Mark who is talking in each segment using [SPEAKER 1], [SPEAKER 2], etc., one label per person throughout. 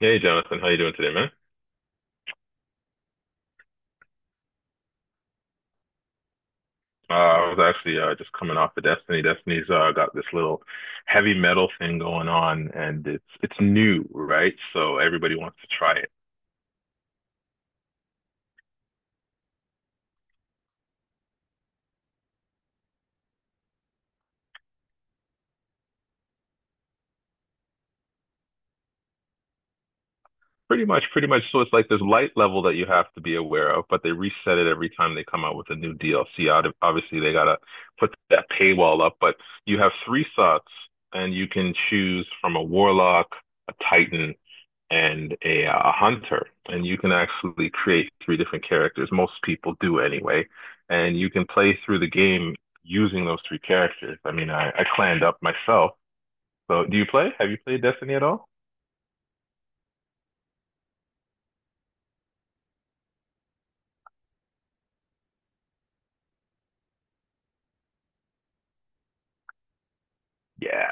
[SPEAKER 1] Hey, Jonathan, how you doing today, man? Uh, I was actually just coming off of Destiny. Destiny's got this little heavy metal thing going on, and it's new, right? So everybody wants to try it. Pretty much, pretty much. So it's like this light level that you have to be aware of, but they reset it every time they come out with a new DLC. Out of, obviously they gotta put that paywall up, but you have three slots, and you can choose from a warlock, a titan, and a hunter, and you can actually create three different characters. Most people do anyway, and you can play through the game using those three characters. I mean, I clanned up myself. So, do you play? Have you played Destiny at all? Yeah.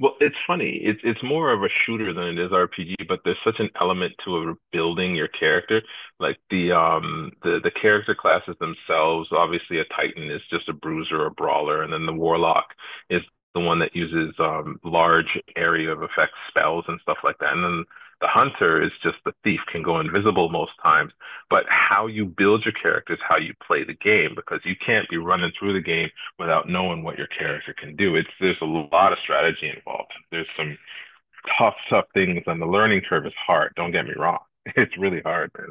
[SPEAKER 1] Well, it's funny. It's more of a shooter than it is RPG, but there's such an element to a building your character. Like the character classes themselves, obviously a Titan is just a bruiser or brawler, and then the Warlock is the one that uses large area of effect spells and stuff like that. And then the Hunter is just the thief, can go invisible most times. But how you build your character is how you play the game because you can't be running through the game without knowing what your character can do. It's there's a lot of strategy involved. There's some tough, tough things, and the learning curve is hard. Don't get me wrong; it's really hard, man.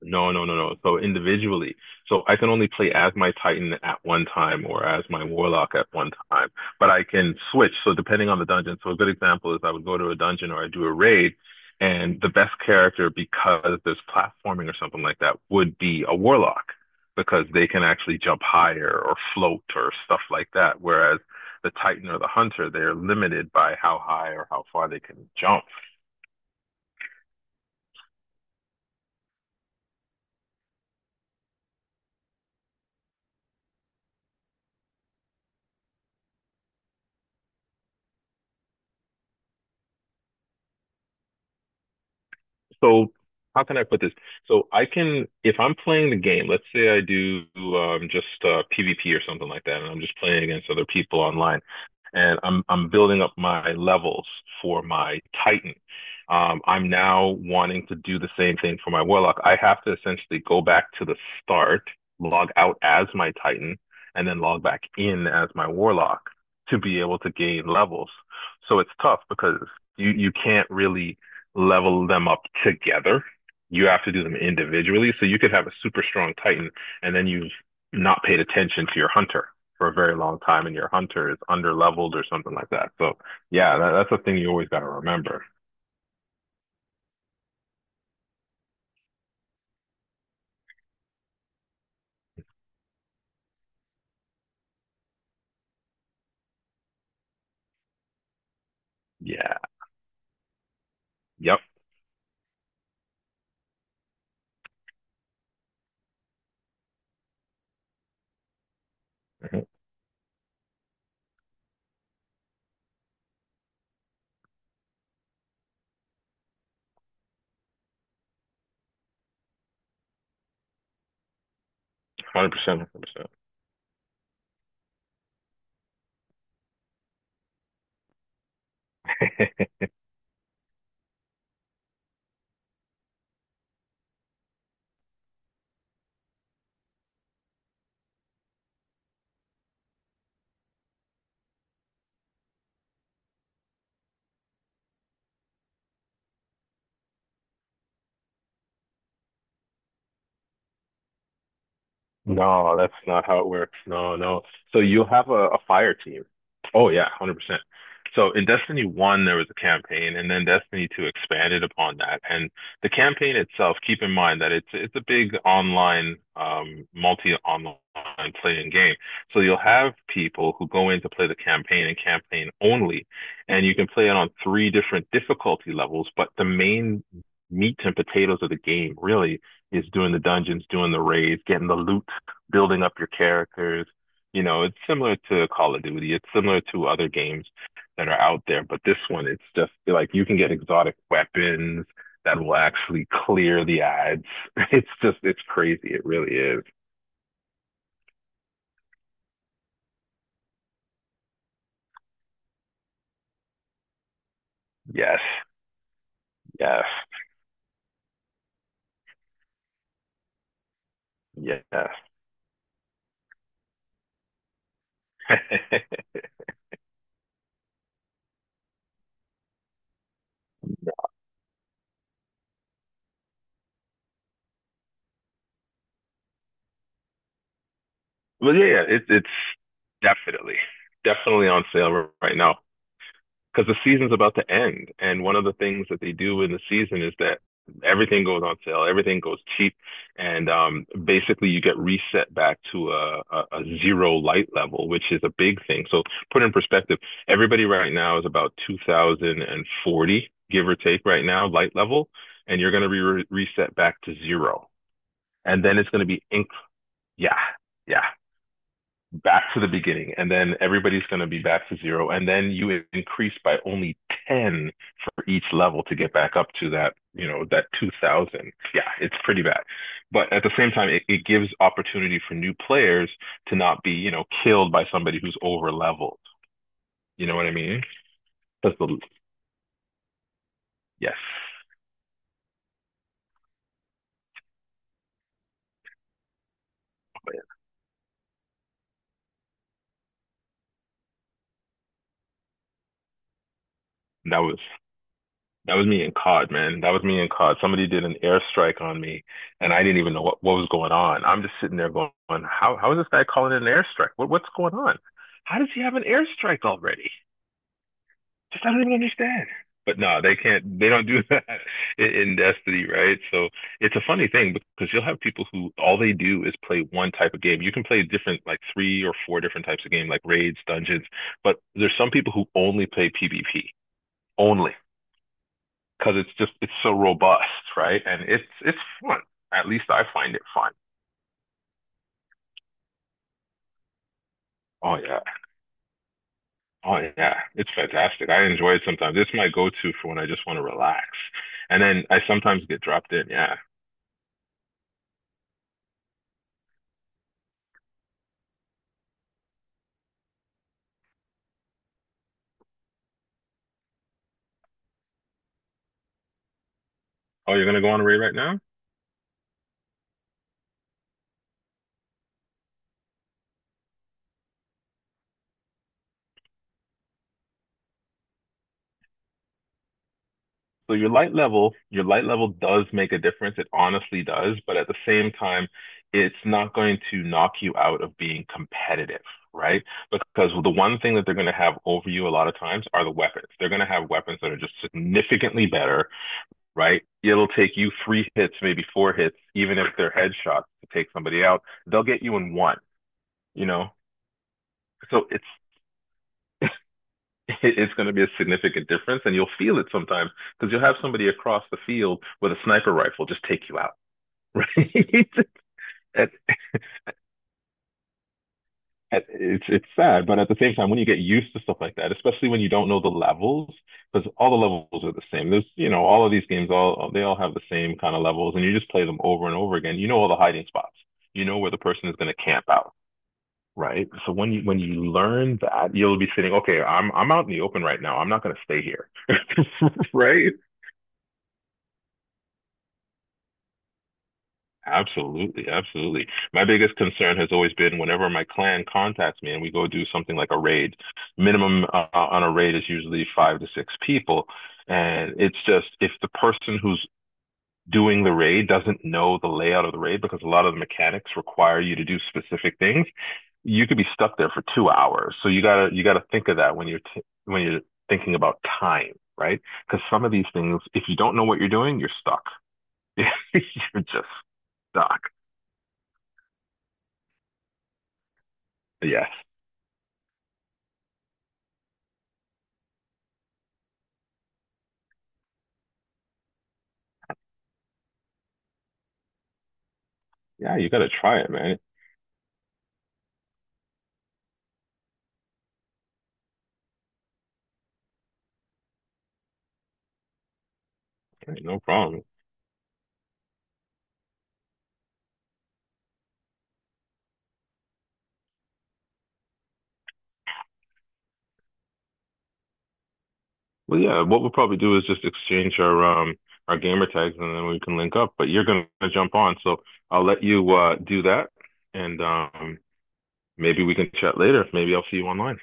[SPEAKER 1] No, no, no, no. So individually. So I can only play as my Titan at one time or as my Warlock at one time, but I can switch. So depending on the dungeon. So a good example is I would go to a dungeon or I do a raid and the best character because there's platforming or something like that would be a Warlock because they can actually jump higher or float or stuff like that. Whereas the Titan or the Hunter, they're limited by how high or how far they can jump. So how can I put this? So I can, if I'm playing the game, let's say I do just PvP or something like that, and I'm just playing against other people online, and I'm building up my levels for my Titan. I'm now wanting to do the same thing for my Warlock. I have to essentially go back to the start, log out as my Titan, and then log back in as my Warlock to be able to gain levels. So it's tough because you can't really level them up together. You have to do them individually. So you could have a super strong Titan and then you've not paid attention to your hunter for a very long time and your hunter is under leveled or something like that. So yeah, that's a thing you always got to remember. Yeah. Yep. 100%. 100%. No, that's not how it works. No, no. So you have a fire team. Oh yeah, 100%. So in Destiny 1, there was a campaign, and then Destiny 2 expanded upon that. And the campaign itself, keep in mind that it's a big online, multi-online playing game. So you'll have people who go in to play the campaign and campaign only, and you can play it on three different difficulty levels, but the main meat and potatoes of the game really is doing the dungeons, doing the raids, getting the loot, building up your characters. You know, it's similar to Call of Duty. It's similar to other games that are out there, but this one, it's just like you can get exotic weapons that will actually clear the ads. It's just, it's crazy. It really is. Yes, yes, yes. Well, yeah, it's definitely, definitely on sale right now. Because the season's about to end. And one of the things that they do in the season is that everything goes on sale, everything goes cheap, and basically you get reset back to a zero light level, which is a big thing. So put in perspective, everybody right now is about 2040, give or take, right now light level, and you're going to be reset back to zero, and then it's going to be yeah, yeah back to the beginning, and then everybody's going to be back to zero, and then you increase by only 10 for each level to get back up to that, you know, that 2000. Yeah, it's pretty bad. But at the same time, it gives opportunity for new players to not be, you know, killed by somebody who's over leveled. You know what I mean? That's the, yes. That was That was me in COD, man. That was me in COD. Somebody did an airstrike on me, and I didn't even know what was going on. I'm just sitting there going, how is this guy calling it an airstrike? What's going on? How does he have an airstrike already? Just I don't even understand. But no, they can't. They don't do that in Destiny, right? So it's a funny thing because you'll have people who all they do is play one type of game. You can play different, like three or four different types of game, like raids, dungeons. But there's some people who only play PvP, only because it's so robust, right? And it's fun. At least I find it fun. Oh yeah, oh yeah, it's fantastic. I enjoy it sometimes. It's my go-to for when I just want to relax. And then I sometimes get dropped in. Yeah. Oh, you're gonna go on a raid right now? So your light level does make a difference. It honestly does, but at the same time, it's not going to knock you out of being competitive, right? Because the one thing that they're going to have over you a lot of times are the weapons. They're going to have weapons that are just significantly better, right? It'll take you three hits, maybe four hits, even if they're headshots to take somebody out. They'll get you in one, you know? So it's it's going to be a significant difference, and you'll feel it sometimes because you'll have somebody across the field with a sniper rifle just take you out, right? And it's sad, but at the same time, when you get used to stuff like that, especially when you don't know the levels, because all the levels are the same. There's, you know, all of these games, all they all have the same kind of levels, and you just play them over and over again. You know all the hiding spots. You know where the person is going to camp out, right? So when you learn that, you'll be sitting, okay, I'm out in the open right now. I'm not going to stay here, right? Absolutely, absolutely. My biggest concern has always been whenever my clan contacts me and we go do something like a raid, minimum on a raid is usually five to six people. And it's just if the person who's doing the raid doesn't know the layout of the raid, because a lot of the mechanics require you to do specific things, you could be stuck there for 2 hours. So you gotta think of that when you're t when you're thinking about time, right? Because some of these things, if you don't know what you're doing, you're stuck. You're just stuck. Yes. Yeah, you gotta try it, man. Ain't no problem. Well, yeah, what we'll probably do is just exchange our gamer tags and then we can link up. But you're gonna jump on, so I'll let you do that and maybe we can chat later. Maybe I'll see you online.